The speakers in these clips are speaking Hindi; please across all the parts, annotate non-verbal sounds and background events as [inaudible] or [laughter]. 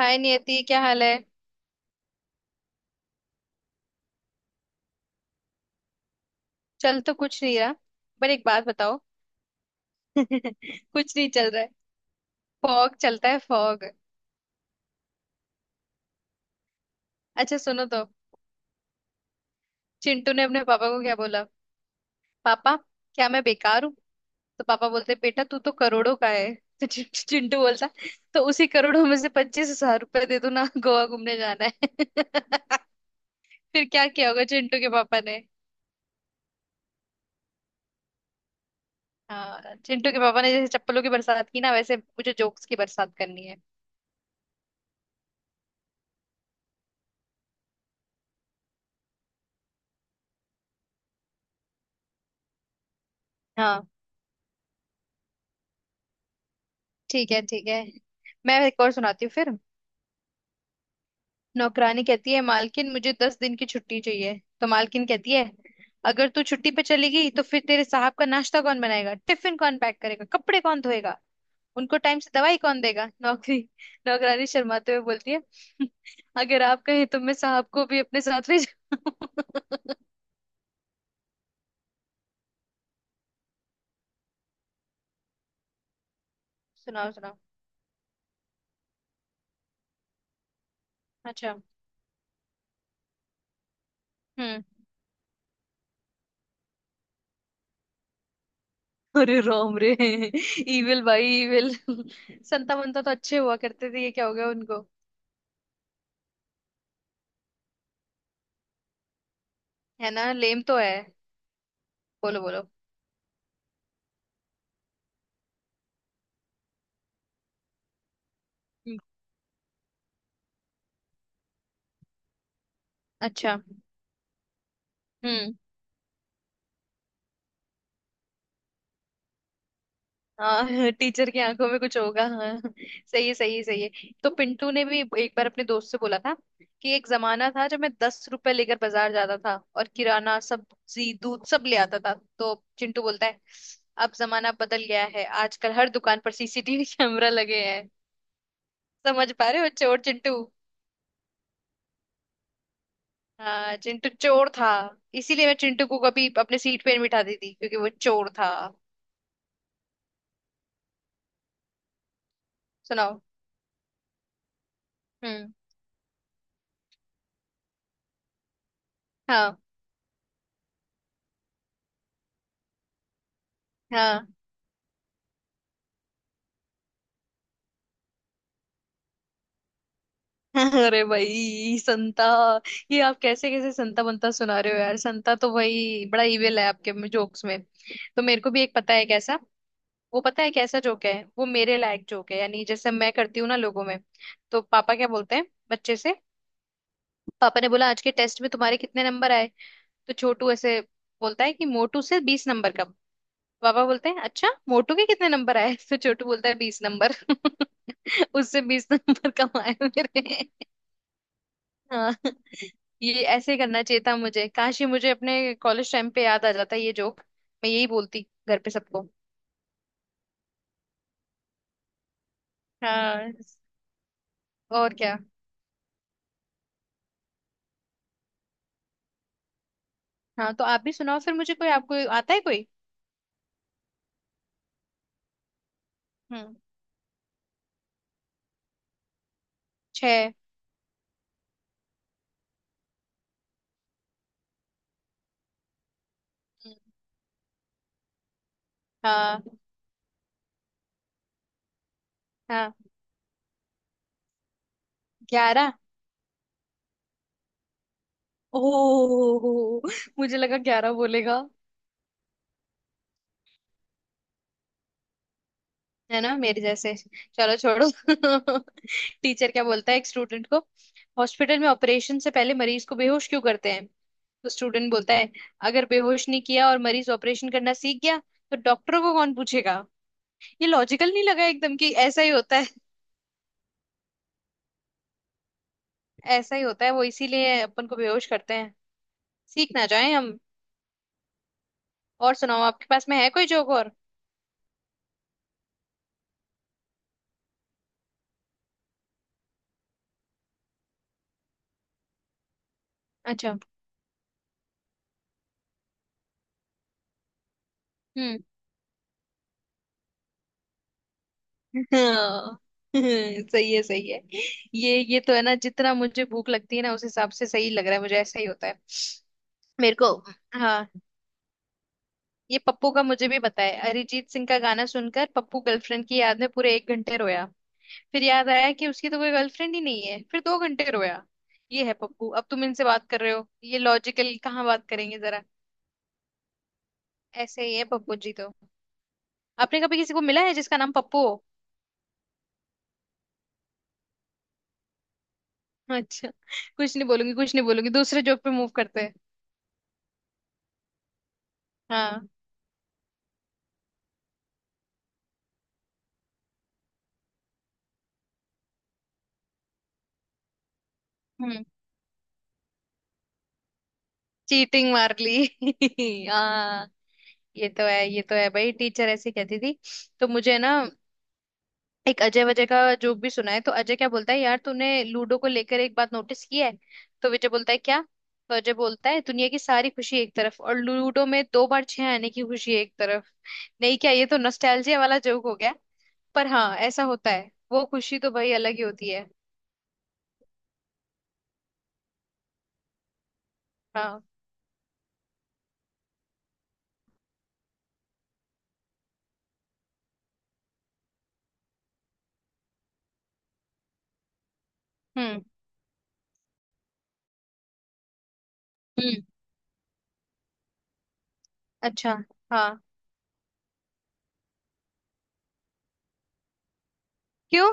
हाय नियति, क्या हाल है। चल तो कुछ नहीं रहा। पर एक बात बताओ। [laughs] कुछ नहीं चल रहा है। फॉग चलता है फॉग। अच्छा सुनो तो, चिंटू ने अपने पापा को क्या बोला। पापा, क्या मैं बेकार हूँ। तो पापा बोलते बेटा तू तो करोड़ों का है। तो चिंटू बोलता। तो उसी करोड़ों में से 25,000 रुपए दे दो ना, गोवा घूमने जाना है। [laughs] फिर क्या किया होगा चिंटू के पापा ने। हाँ, चिंटू के पापा ने जैसे चप्पलों की बरसात की ना वैसे मुझे जोक्स की बरसात करनी है। हाँ। ठीक है ठीक है। मैं एक और सुनाती हूँ फिर। नौकरानी कहती है मालकिन मुझे 10 दिन की छुट्टी चाहिए, तो मालकिन कहती है। अगर तू छुट्टी पे चली गई तो फिर तेरे साहब का नाश्ता कौन बनाएगा, टिफिन कौन पैक करेगा, कपड़े कौन धोएगा। उनको टाइम से दवाई कौन देगा। नौकरी नौकरानी शर्माते हुए बोलती है। [laughs] अगर आप कहें तो मैं साहब को भी अपने साथ ले जाऊं। [laughs] सुनाओ सुनाओ। अच्छा। हम्म। अरे राम रे। इविल भाई इविल। [laughs] संता मंता तो अच्छे हुआ करते थे, ये क्या हो गया उनको। है ना, लेम तो है। बोलो बोलो। हम्म। अच्छा। हम्म। हाँ। [laughs] टीचर की आंखों में कुछ होगा, हाँ। [laughs] सही है, सही है, सही है। तो पिंटू ने भी एक बार अपने दोस्त से बोला था कि एक जमाना था जब मैं 10 रुपए लेकर बाजार जाता था और किराना सब्जी दूध सब ले आता था। तो चिंटू बोलता है, अब जमाना बदल गया है, आजकल हर दुकान पर सीसीटीवी [laughs] कैमरा लगे हैं। समझ पा रहे हो, चोर चिंटू। हाँ, चिंटू चोर था। इसीलिए मैं चिंटू को कभी अपने सीट पे नहीं बिठाती थी, क्योंकि वो चोर था। सुनाओ। हम्म। हाँ हाँ। अरे भाई संता। ये आप कैसे कैसे संता बनता सुना रहे हो यार, संता तो भाई बड़ा इविल है आपके में जोक्स में। तो मेरे को भी एक पता है, कैसा। वो पता है कैसा जोक है, वो मेरे लायक जोक है, यानी जैसे मैं करती हूँ ना लोगों में। तो पापा क्या बोलते हैं बच्चे से। पापा ने बोला, आज के टेस्ट में तुम्हारे कितने नंबर आए। तो छोटू ऐसे बोलता है कि मोटू से 20 नंबर कम। पापा बोलते हैं अच्छा मोटू के कितने नंबर आए। तो छोटू बोलता है 20 नंबर। [laughs] उससे 20 नंबर कम आए मेरे। हाँ। [laughs] ये ऐसे करना चाहिए था मुझे, काश ये मुझे अपने कॉलेज टाइम पे याद आ जाता ये जोक। मैं यही बोलती घर पे सबको। हाँ। और क्या। हाँ तो आप भी सुनाओ फिर मुझे, कोई आपको आता है कोई। हम्म। छह। हम्म। हाँ। हाँ ग्यारह। ओह, मुझे लगा ग्यारह बोलेगा। है ना, मेरे जैसे। चलो छोड़ो। [laughs] टीचर क्या बोलता है एक स्टूडेंट को, हॉस्पिटल में ऑपरेशन से पहले मरीज को बेहोश क्यों करते हैं। तो स्टूडेंट बोलता है, अगर बेहोश नहीं किया और मरीज ऑपरेशन करना सीख गया तो डॉक्टरों को कौन पूछेगा। ये लॉजिकल नहीं लगा एकदम कि ऐसा ही होता है। ऐसा ही होता है वो, इसीलिए अपन को बेहोश करते हैं, सीख ना जाए हम। और सुनाओ, आपके पास में है कोई जोक और। अच्छा। हम्म। हाँ। [laughs] सही है, सही है। ये तो है ना, जितना मुझे भूख लगती है ना उस हिसाब से सही लग रहा है मुझे। ऐसा ही होता है मेरे को। हाँ। ये पप्पू का मुझे भी बताया। अरिजीत सिंह का गाना सुनकर पप्पू गर्लफ्रेंड की याद में पूरे एक घंटे रोया। फिर याद आया कि उसकी तो कोई गर्लफ्रेंड ही नहीं है, फिर 2 घंटे रोया। ये है पप्पू। अब तुम इनसे बात कर रहे हो, ये लॉजिकल कहाँ बात करेंगे जरा। ऐसे ही है पप्पू जी तो। आपने कभी किसी को मिला है जिसका नाम पप्पू हो। अच्छा। [laughs] कुछ नहीं बोलूंगी, कुछ नहीं बोलूंगी। दूसरे जॉब पे मूव करते हैं। हाँ। हम्म। चीटिंग मार ली। [laughs] हाँ। ये तो है, ये तो है भाई। टीचर ऐसे कहती थी। तो मुझे ना एक अजय वजय का जोक भी सुना है। तो अजय क्या बोलता है यार, तूने लूडो को लेकर एक बात नोटिस की है। तो विजय बोलता है क्या। तो अजय बोलता है दुनिया की सारी खुशी एक तरफ और लूडो में दो बार छह आने की खुशी एक तरफ। नहीं क्या, ये तो नॉस्टैल्जिया वाला जोक हो गया। पर हाँ ऐसा होता है, वो खुशी तो भाई अलग ही होती है। हाँ। हम्म। हम्म। अच्छा। हाँ। क्यों।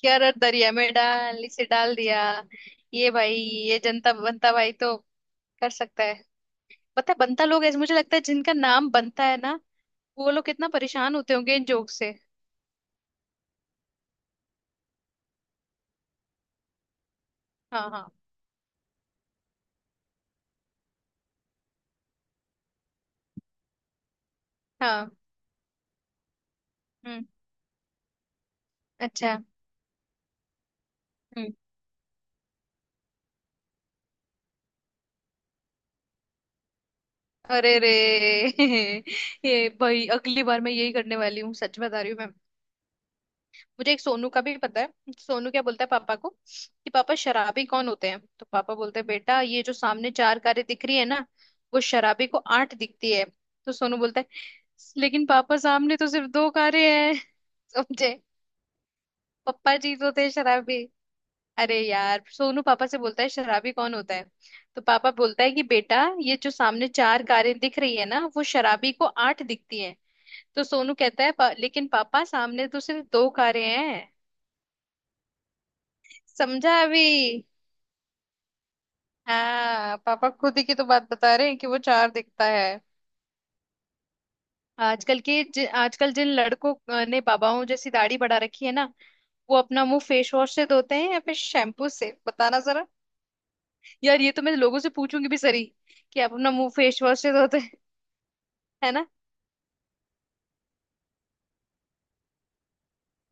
क्या, रर दरिया में डाल, इसे डाल दिया। ये भाई ये जनता बनता भाई तो कर सकता है। पता है बनता लोग ऐसे मुझे लगता है, जिनका नाम बनता है ना वो लोग कितना परेशान होते होंगे इन जोक से। हाँ हाँ। हाँ। हम्म। अच्छा। हम्म। अरे रे। [laughs] ये भाई अगली बार मैं यही करने वाली हूँ, सच बता रही हूँ मैं। मुझे एक सोनू का भी पता है। सोनू क्या बोलता है पापा को कि, पापा शराबी कौन होते हैं। तो पापा बोलते हैं बेटा, ये जो सामने चार कारें दिख रही है ना वो शराबी को आठ दिखती है। तो सोनू बोलता है, लेकिन पापा सामने तो सिर्फ दो कारें हैं। [laughs] समझे। पप्पा जी तो थे शराबी। अरे यार, सोनू पापा से बोलता है शराबी कौन होता है। तो पापा बोलता है कि बेटा, ये जो सामने चार कारें दिख रही है ना वो शराबी को आठ दिखती हैं। तो सोनू कहता है, लेकिन पापा सामने तो सिर्फ दो कारें हैं। समझा अभी। हाँ, पापा खुद ही की तो बात बता रहे हैं कि वो चार दिखता है। आजकल के आजकल जिन लड़कों ने बाबाओं जैसी दाढ़ी बढ़ा रखी है ना, वो अपना मुंह फेस वॉश से धोते हैं या फिर शैम्पू से, बताना जरा। यार ये तो मैं लोगों से पूछूंगी भी सरी, कि आप अपना मुंह फेस वॉश से धोते हैं। है ना।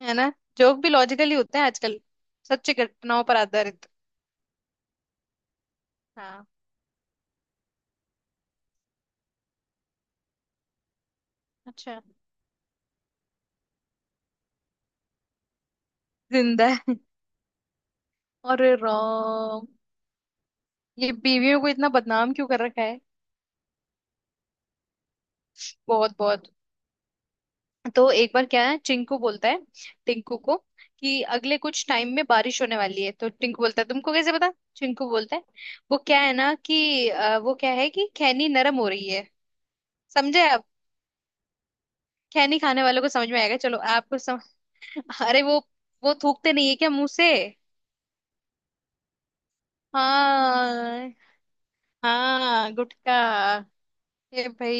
है ना। जोक भी लॉजिकल ही होते हैं आजकल, सच्ची घटनाओं पर आधारित। हाँ। अच्छा। जिंदा है। अरे राम। ये बीवियों को इतना बदनाम क्यों कर रखा है। बहुत बहुत। तो एक बार क्या है चिंकू बोलता है टिंकू को कि अगले कुछ टाइम में बारिश होने वाली है। तो टिंकू बोलता है तुमको कैसे पता। चिंकू बोलता है, वो क्या है ना कि वो क्या है कि खैनी नरम हो रही है। समझे आप। खैनी खाने वालों को समझ में आएगा। चलो आपको [laughs] अरे वो, थूकते नहीं है क्या मुंह से। हाँ। हाँ गुटखा। ये भाई,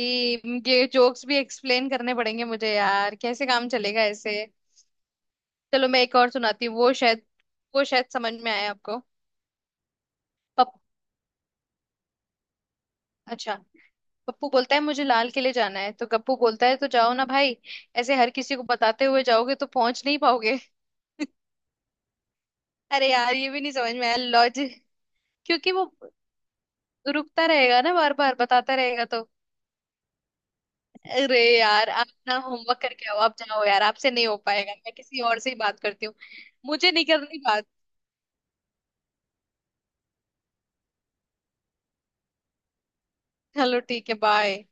ये जोक्स भी एक्सप्लेन करने पड़ेंगे मुझे यार, कैसे काम चलेगा ऐसे। चलो मैं एक और सुनाती हूँ। वो शायद समझ में आए आपको। पप अच्छा। पप्पू बोलता है मुझे लाल किले जाना है। तो गप्पू बोलता है तो जाओ ना भाई, ऐसे हर किसी को बताते हुए जाओगे तो पहुंच नहीं पाओगे। अरे यार, ये भी नहीं समझ में आया लॉजिक। क्योंकि वो रुकता रहेगा ना, बार बार बताता रहेगा तो। अरे यार, आप ना होमवर्क करके आओ। आप जाओ यार, आपसे नहीं हो पाएगा। मैं किसी और से ही बात करती हूँ। मुझे नहीं करनी बात। चलो ठीक है, बाय।